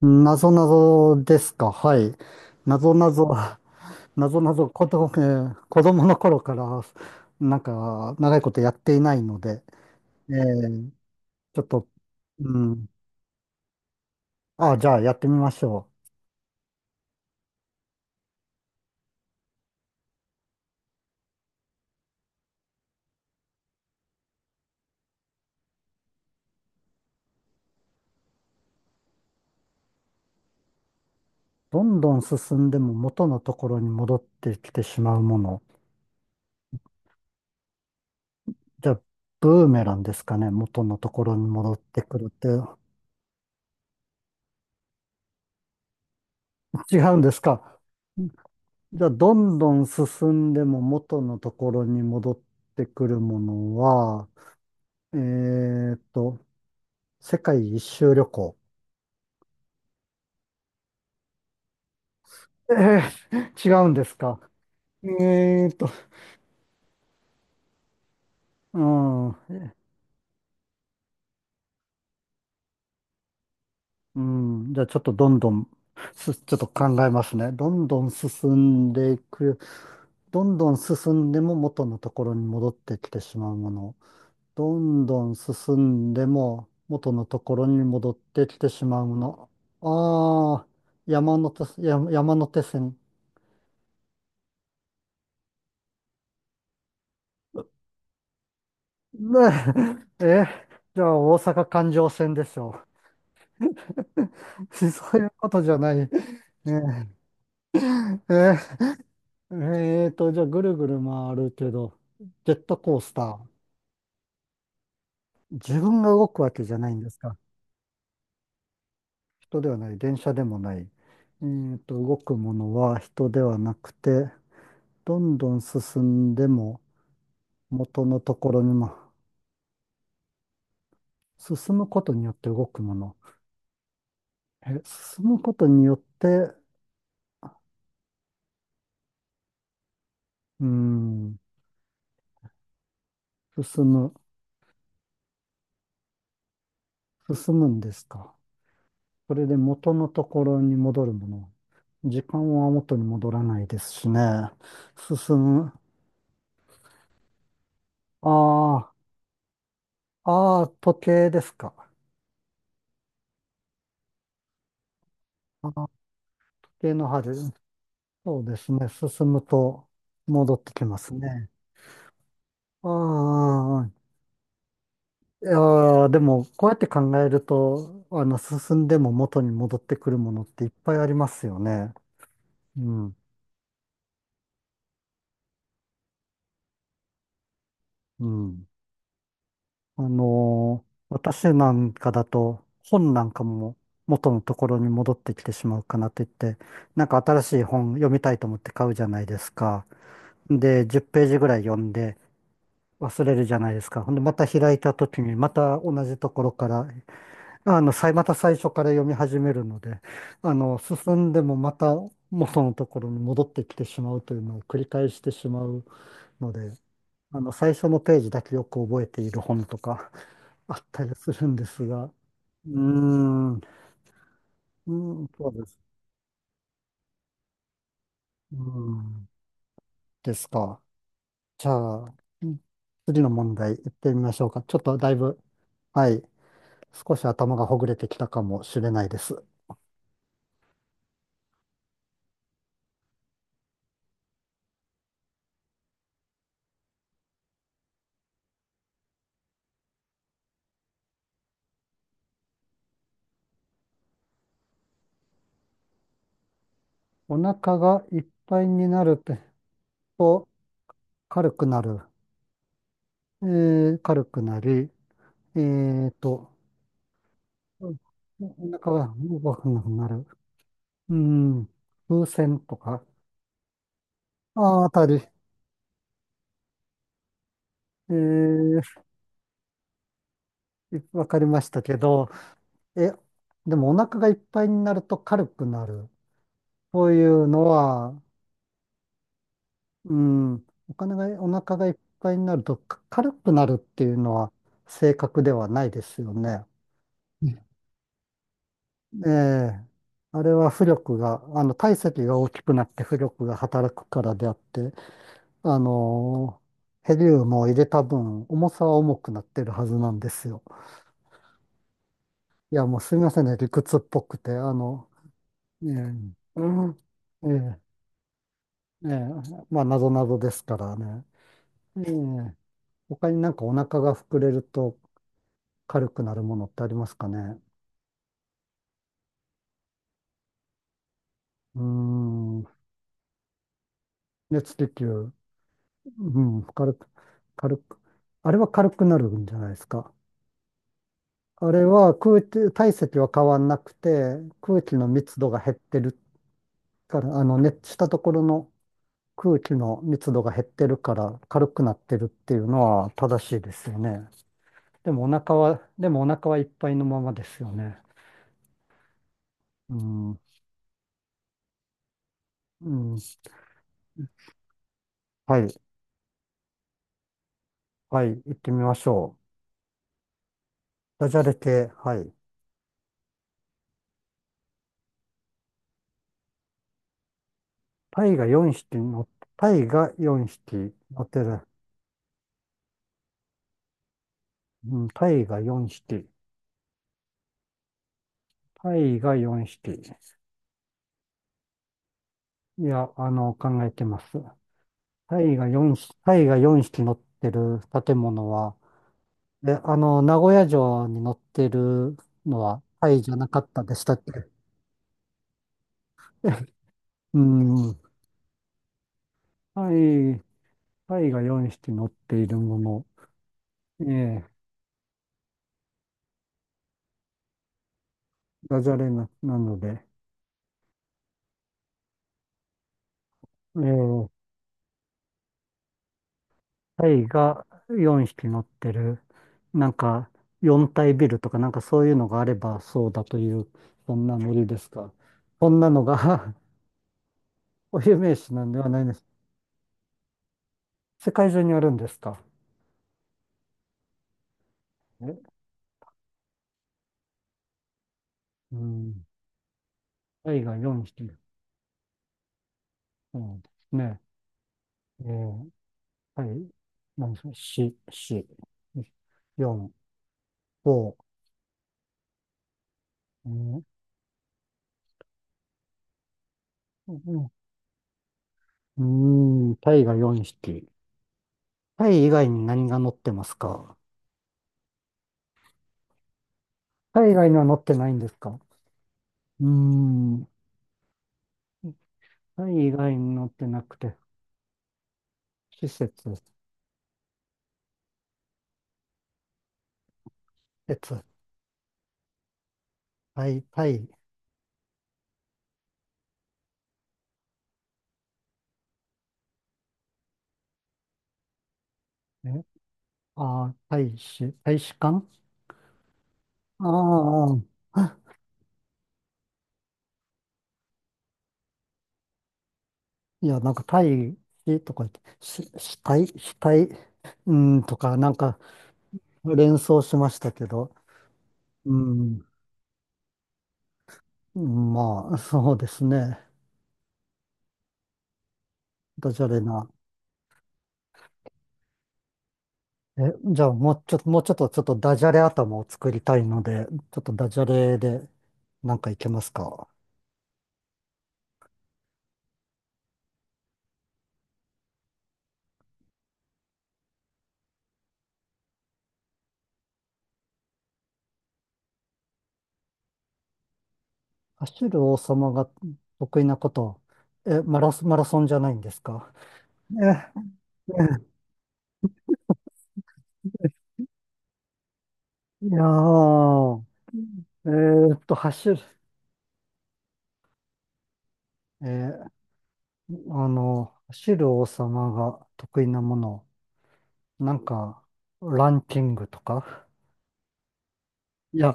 なぞなぞですか？はい。なぞなぞ、なぞなぞ、子供、子供の頃から、なんか、長いことやっていないので、えーちょっと、うん。あ、じゃあやってみましょう。どんどん進んでも元のところに戻ってきてしまうもの。じゃあ、ブーメランですかね。元のところに戻ってくるって。違うんですか？じゃあ、どんどん進んでも元のところに戻ってくるものは、えーっと、世界一周旅行。え違うんですか？えーっと、うん、うん、じゃあちょっとどんどん、ちょっと考えますね。どんどん進んでいく。どんどん進んでも元のところに戻ってきてしまうもの。どんどん進んでも元のところに戻ってきてしまうもの。ああ、山手線。ねえ、じゃあ大阪環状線でしょう。そういうことじゃない。ええええーと、じゃあぐるぐる回るけど、ジェットコースター。自分が動くわけじゃないんですか？人ではない、電車でもない。動くものは人ではなくて、どんどん進んでも元のところにも、進むことによって動くもの。進むことによって、うーん、進む、進むんですか？それで元のところに戻るもの。時間は元に戻らないですしね。進む。ああ、ああ、時計ですか？ああ、時計の針。そうですね。進むと戻ってきますね。ああ、いやーでも、こうやって考えると、進んでも元に戻ってくるものっていっぱいありますよね。うん、うん。私なんかだと本なんかも元のところに戻ってきてしまうかなと言って、なんか新しい本読みたいと思って買うじゃないですか。で、10ページぐらい読んで忘れるじゃないですか。ほんで、また開いた時にまた同じところから、また最初から読み始めるので、進んでもまた元のところに戻ってきてしまうというのを繰り返してしまうので、最初のページだけよく覚えている本とか、あったりするんですが。うーん、うん、そうです。うーん、ですか。じゃあ、うん、次の問題行ってみましょうか。ちょっとだいぶ、はい、少し頭がほぐれてきたかもしれないです。お腹がいっぱいになると軽くなる。軽くなり、えーと、うん、お腹が動かなくなる。うん、風船とか、あー、あたり、えーわかりましたけど、え、でもお腹がいっぱいになると軽くなる。そういうのは、うん、お腹がいっぱいになるとか軽くなるっていうのは正確ではないですよね。ねええ、あれは浮力が、体積が大きくなって浮力が働くからであって、あのヘリウムを入れた分、重さは重くなってるはずなんですよ。いや、もうすみませんね、理屈っぽくて、ええ、うん、ええええ、まあ、なぞなぞですからね。ええ、他になんかお腹が膨れると軽くなるものってありますかね。うーん、熱気球、うん、軽く、あれは軽くなるんじゃないですか？あれは空気、体積は変わんなくて、空気の密度が減ってるから、熱したところの空気の密度が減ってるから軽くなってるっていうのは正しいですよね。でもお腹はいっぱいのままですよね。うんうん。はい。はい。行ってみましょう。ダジャレ系。はい。タイが4匹乗っタイが4匹乗ってる。うん。タイが4匹。タイが4匹。いや、考えてます。タイが4匹乗ってる建物は、え、あの、名古屋城に乗ってるのはタイじゃなかったでしたっけ？ うん。タイ、タイが4匹乗っているもの。ええ、ダジャレな、なので。ええ、タイが4匹乗ってる、なんか4体ビルとかなんかそういうのがあればそうだという、そんなノリですか？こんなのが お有名詞なんではないです。世界中にあるんですか？えうん。タイが4匹。そうですね。えー、タイ、何でしょう。し、し、4、5、うんうんうん、タイが4匹。タイ以外に何が乗ってますか？タイ以外には乗ってないんですか？うーん。タイ以外のってなくて、施設、施設、タイ、タイ、え、あー、大使館。ああー、いや、なんかタイとか言って、死体、死体、うん、とか、なんか連想しましたけど、うん、まあ、そうですね。ダジャレな。え、じゃあ、もうちょっと、ちょっとダジャレ頭を作りたいので、ちょっとダジャレで、なんかいけますか？走る王様が得意なこと、マラソン、マラソンじゃないんですか？え、えいやー、えーっと、走る、えー走る王様が得意なもの、なんか、ランキングとか。いや、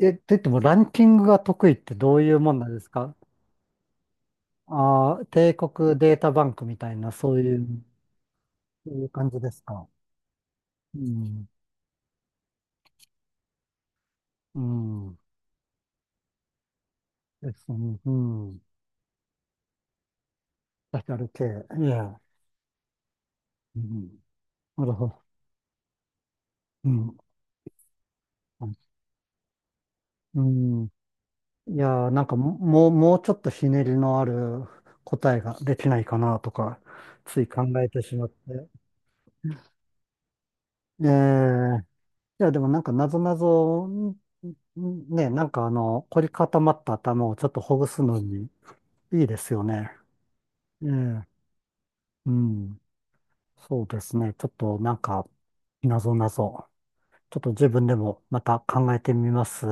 と言ってもランキングが得意ってどういうもんなんですか？ああー、帝国データバンクみたいな、そういう、そういう感じですか？うん、うん、ですね、うん、うん、ダジャレ系、いや。うん、なるほど。うん。うん。いやー、なんかももう、もうちょっとひねりのある答えができないかなとか、つい考えてしまって。ええ、いや、でもなんか、なぞなぞ、なんか凝り固まった頭をちょっとほぐすのにいいですよね。ええ、うん。そうですね。ちょっとなんか、なぞなぞ、ちょっと自分でもまた考えてみます。